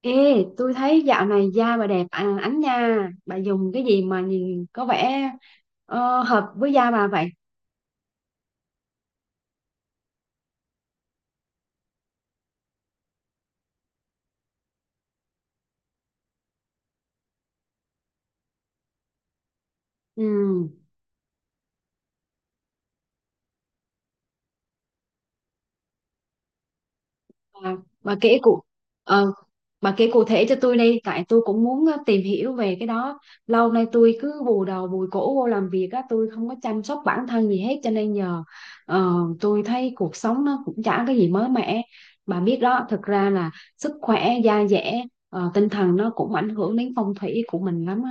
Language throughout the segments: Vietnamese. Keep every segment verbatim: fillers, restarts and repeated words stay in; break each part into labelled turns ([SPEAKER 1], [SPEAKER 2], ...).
[SPEAKER 1] Ê, tôi thấy dạo này da bà đẹp à, ánh nha. Bà dùng cái gì mà nhìn có vẻ ờ, hợp với da bà vậy? Ừ, bà, bà kể cụ ờ, bà kể cụ thể cho tôi đi, tại tôi cũng muốn ờ, tìm hiểu về cái đó. Lâu nay tôi cứ bù đầu bùi cổ vô làm việc á, tôi không có chăm sóc bản thân gì hết cho nên giờ ờ, tôi thấy cuộc sống nó cũng chả cái gì mới mẻ. Bà biết đó, thực ra là sức khỏe, da dẻ, ờ, tinh thần nó cũng ảnh hưởng đến phong thủy của mình lắm á.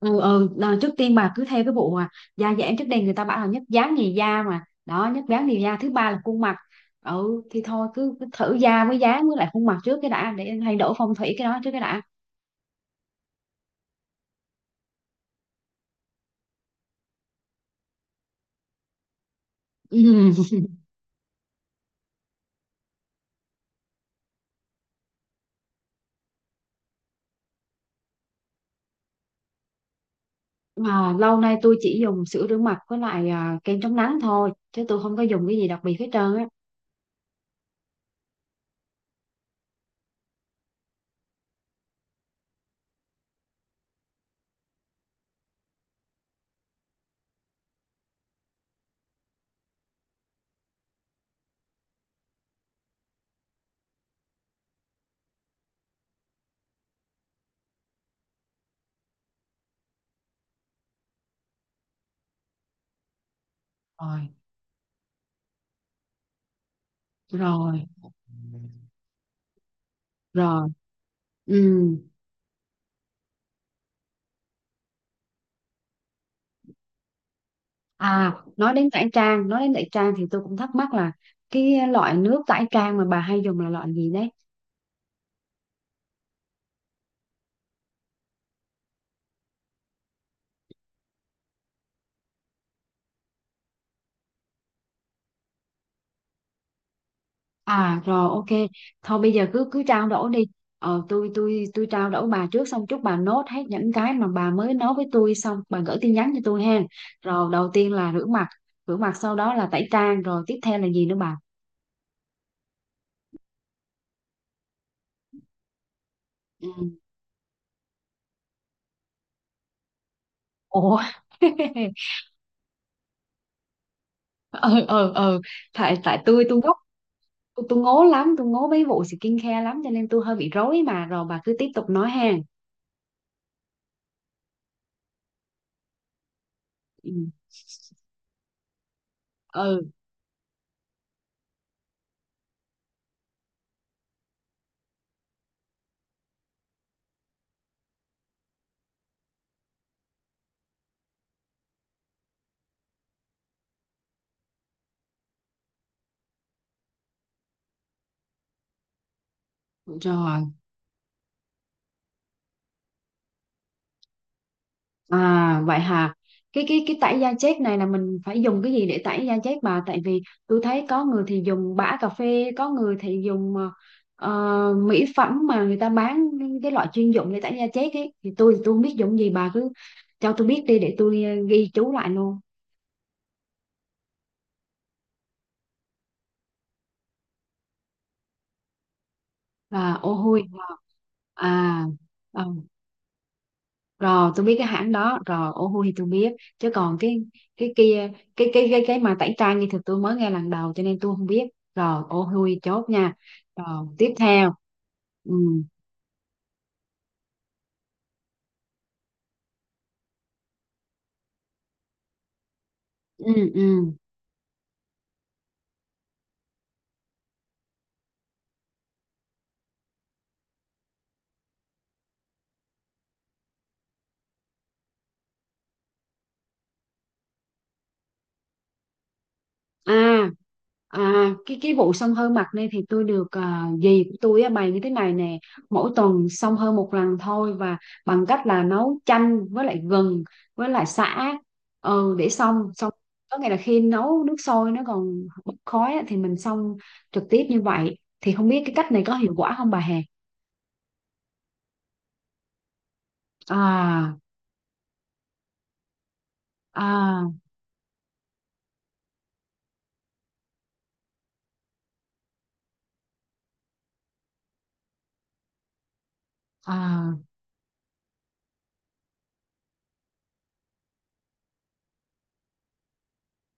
[SPEAKER 1] Ừ ừ đờ, trước tiên bà cứ theo cái vụ mà da giãn trước đây người ta bảo là nhất dáng nhì da mà đó, nhất dáng nhì da thứ ba là khuôn mặt. Ừ thì thôi cứ, cứ thử da với dáng với lại khuôn mặt trước cái đã, để thay đổi phong thủy cái đó trước cái đã. Ừ. Mà lâu nay tôi chỉ dùng sữa rửa mặt với lại à, kem chống nắng thôi chứ tôi không có dùng cái gì đặc biệt hết trơn á. Rồi. Rồi. Rồi. Ừ. À, nói đến tẩy trang, nói đến tẩy trang thì tôi cũng thắc mắc là cái loại nước tẩy trang mà bà hay dùng là loại gì đấy? À rồi, ok. Thôi bây giờ cứ cứ trao đổi đi. Ờ, tôi tôi tôi trao đổi bà trước. Xong chút bà nốt hết những cái mà bà mới nói với tôi, xong bà gửi tin nhắn cho tôi ha. Rồi, đầu tiên là rửa mặt. Rửa mặt sau đó là tẩy trang. Rồi tiếp theo là gì nữa bà? Ừ. Ủa. Ờ ờ ờ, tại tại tôi tôi ngốc. Tôi, tôi ngố lắm, tôi ngố mấy vụ skin care lắm cho nên tôi hơi bị rối mà, rồi bà cứ tiếp tục nói ha. Ừ. Ừ. Rồi. À vậy hả? Cái cái cái tẩy da chết này là mình phải dùng cái gì để tẩy da chết bà? Tại vì tôi thấy có người thì dùng bã cà phê, có người thì dùng ờ, ờ, mỹ phẩm mà người ta bán, cái loại chuyên dụng để tẩy da chết ấy. Thì tôi thì tôi không biết dùng gì, bà cứ cho tôi biết đi để tôi ờ, ghi chú lại luôn. Là ô hôi. À, à rồi, tôi biết cái hãng đó rồi, ô hu thì tôi biết. Chứ còn cái cái kia, cái cái cái cái mà tẩy trang thì thực tôi mới nghe lần đầu cho nên tôi không biết. Rồi ô hu chốt nha. Rồi tiếp theo. Ừ ừ ừ. À à, cái cái vụ xông hơi mặt này thì tôi được à, dì của tôi á, bày như thế này nè. Mỗi tuần xông hơi một lần thôi, và bằng cách là nấu chanh với lại gừng với lại sả, ừ, để xông. Xong, có nghĩa là khi nấu nước sôi nó còn bốc khói á, thì mình xông trực tiếp như vậy, thì không biết cái cách này có hiệu quả không bà hè? À à à.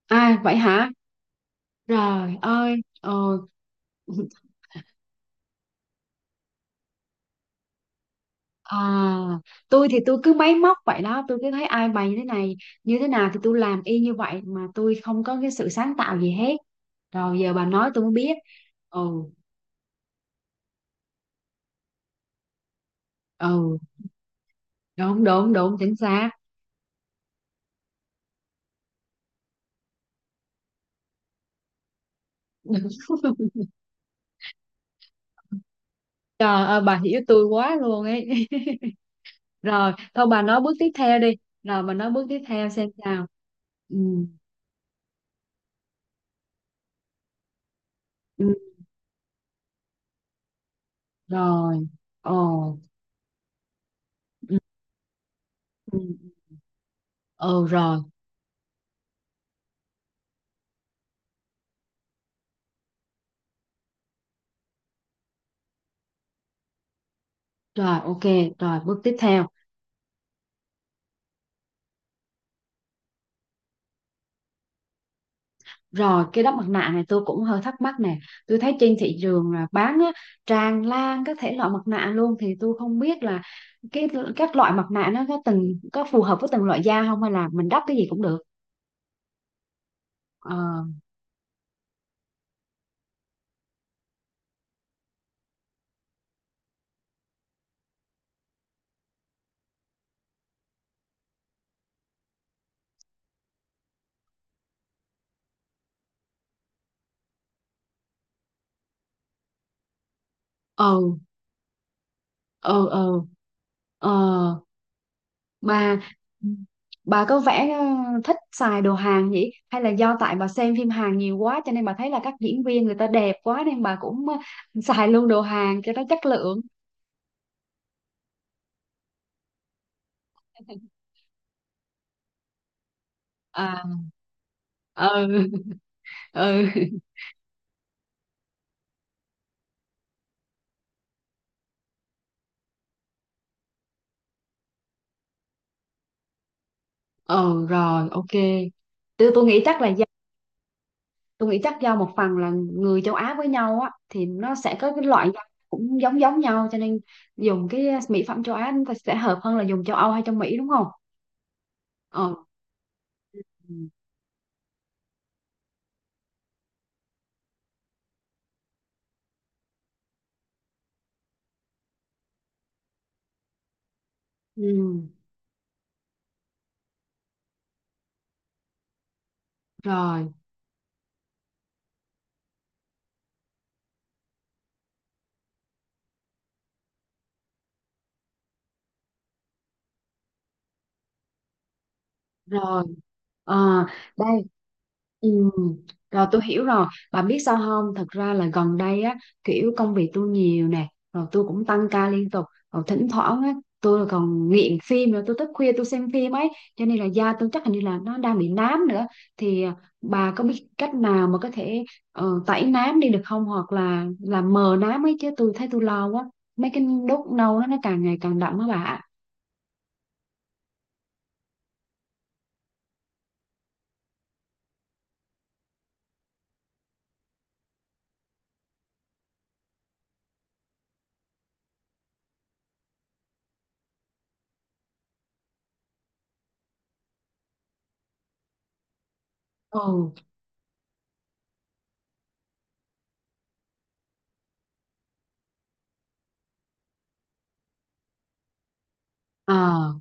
[SPEAKER 1] À vậy hả? Trời ơi. Ờ. À, tôi thì tôi cứ máy móc vậy đó, tôi cứ thấy ai bày như thế này, như thế nào thì tôi làm y như vậy, mà tôi không có cái sự sáng tạo gì hết. Rồi giờ bà nói tôi mới biết. Ừ, ừ, đúng, đúng, đúng, chính xác. Đúng. Trời ơi, bà hiểu tôi quá luôn ấy. Rồi, thôi bà nói bước tiếp theo đi. Rồi bà nói bước tiếp theo xem sao. Ừ, ừ, rồi. Ồ, ừ, ừ, ừ, ừ, rồi. Rồi, ok, rồi bước tiếp theo. Rồi, cái đắp mặt nạ này tôi cũng hơi thắc mắc nè. Tôi thấy trên thị trường là bán á, tràn lan các thể loại mặt nạ luôn. Thì tôi không biết là cái các loại mặt nạ nó có từng có phù hợp với từng loại da không, hay là mình đắp cái gì cũng được? Ờ ờ ờ ờ ờ. Bà bà có vẻ ờ, thích xài đồ Hàn nhỉ? Hay là do tại bà xem phim Hàn nhiều quá, cho nên bà thấy là các diễn viên người ta đẹp quá, nên bà cũng ờ, xài luôn đồ Hàn cho nó chất lượng? À, ừ. Ừ. Ờ rồi ok. Tôi, tôi nghĩ chắc là do, tôi nghĩ chắc do một phần là người châu Á với nhau á thì nó sẽ có cái loại rau cũng giống giống nhau, cho nên dùng cái mỹ phẩm châu Á chúng ta sẽ hợp hơn là dùng châu Âu hay châu Mỹ đúng không? Ờ. Ừ. Ừ. Rồi. Rồi ờ, đây. Ừ. Rồi tôi hiểu rồi. Bà biết sao không, thật ra là gần đây á, kiểu công việc tôi nhiều nè, rồi tôi cũng tăng ca liên tục, rồi thỉnh thoảng á tôi còn nghiện phim nữa, tôi thức khuya tôi xem phim ấy, cho nên là da tôi chắc hình như là nó đang bị nám nữa. Thì à, bà có biết cách nào mà có thể ờ, tẩy nám đi được không, hoặc là làm mờ nám ấy, chứ tôi thấy tôi lo quá. Mấy cái đốt nâu đó nó càng ngày càng đậm á bà. Ừ. Ờ.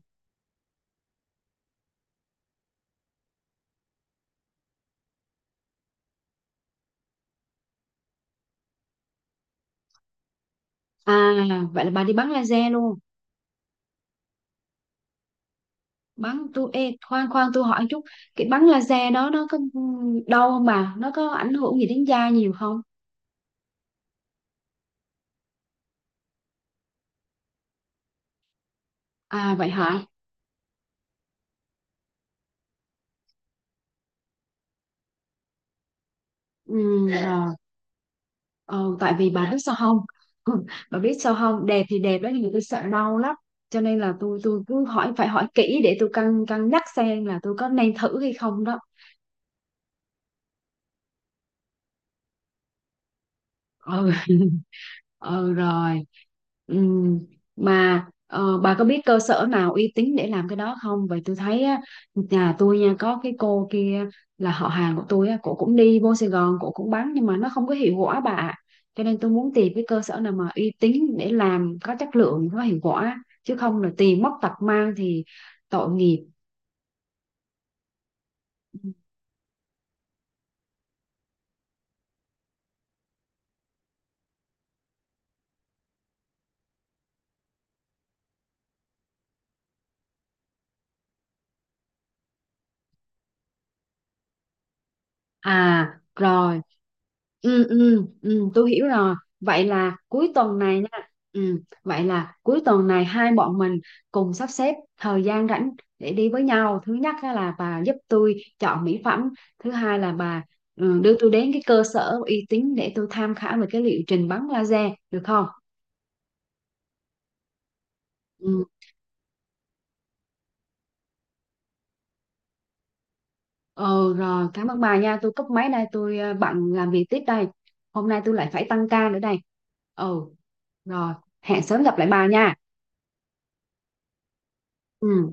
[SPEAKER 1] À, vậy là bà đi bắn laser luôn. Bắn tôi ê, khoan khoan tôi hỏi chút, cái bắn laser đó nó có đau không bà? Nó có ảnh hưởng gì đến da nhiều không? À vậy hả? Ừ, rồi. Ờ, tại vì bà biết sao không? Bà biết sao không? Đẹp thì đẹp đó nhưng mà tôi sợ đau lắm. Cho nên là tôi tôi cứ hỏi, phải hỏi kỹ để tôi cân cân nhắc xem là tôi có nên thử hay không đó. Ừ. Ừ rồi. Ừm. Mà ờ, bà có biết cơ sở nào uy tín để làm cái đó không? Vậy tôi thấy á, nhà tôi nha có cái cô kia là họ hàng của tôi á, cổ cũng đi vô Sài Gòn, cổ cũng bán nhưng mà nó không có hiệu quả bà ạ. Cho nên tôi muốn tìm cái cơ sở nào mà uy tín để làm có chất lượng, có hiệu quả, chứ không là tìm mất tật mang thì tội nghiệp. À rồi, ừ ừ ừ tôi hiểu rồi, vậy là cuối tuần này nha. Ừ, vậy là cuối tuần này hai bọn mình cùng sắp xếp thời gian rảnh để đi với nhau. Thứ nhất á là bà giúp tôi chọn mỹ phẩm, thứ hai là bà ừ, đưa tôi đến cái cơ sở uy tín để tôi tham khảo về cái liệu trình bắn laser được không? Ừ. Ờ rồi, cảm ơn bà nha, tôi cúp máy đây, tôi ờ, bận làm việc tiếp đây. Hôm nay tôi lại phải tăng ca nữa đây. Ừ. Rồi. Hẹn sớm gặp lại bà nha. Ừ.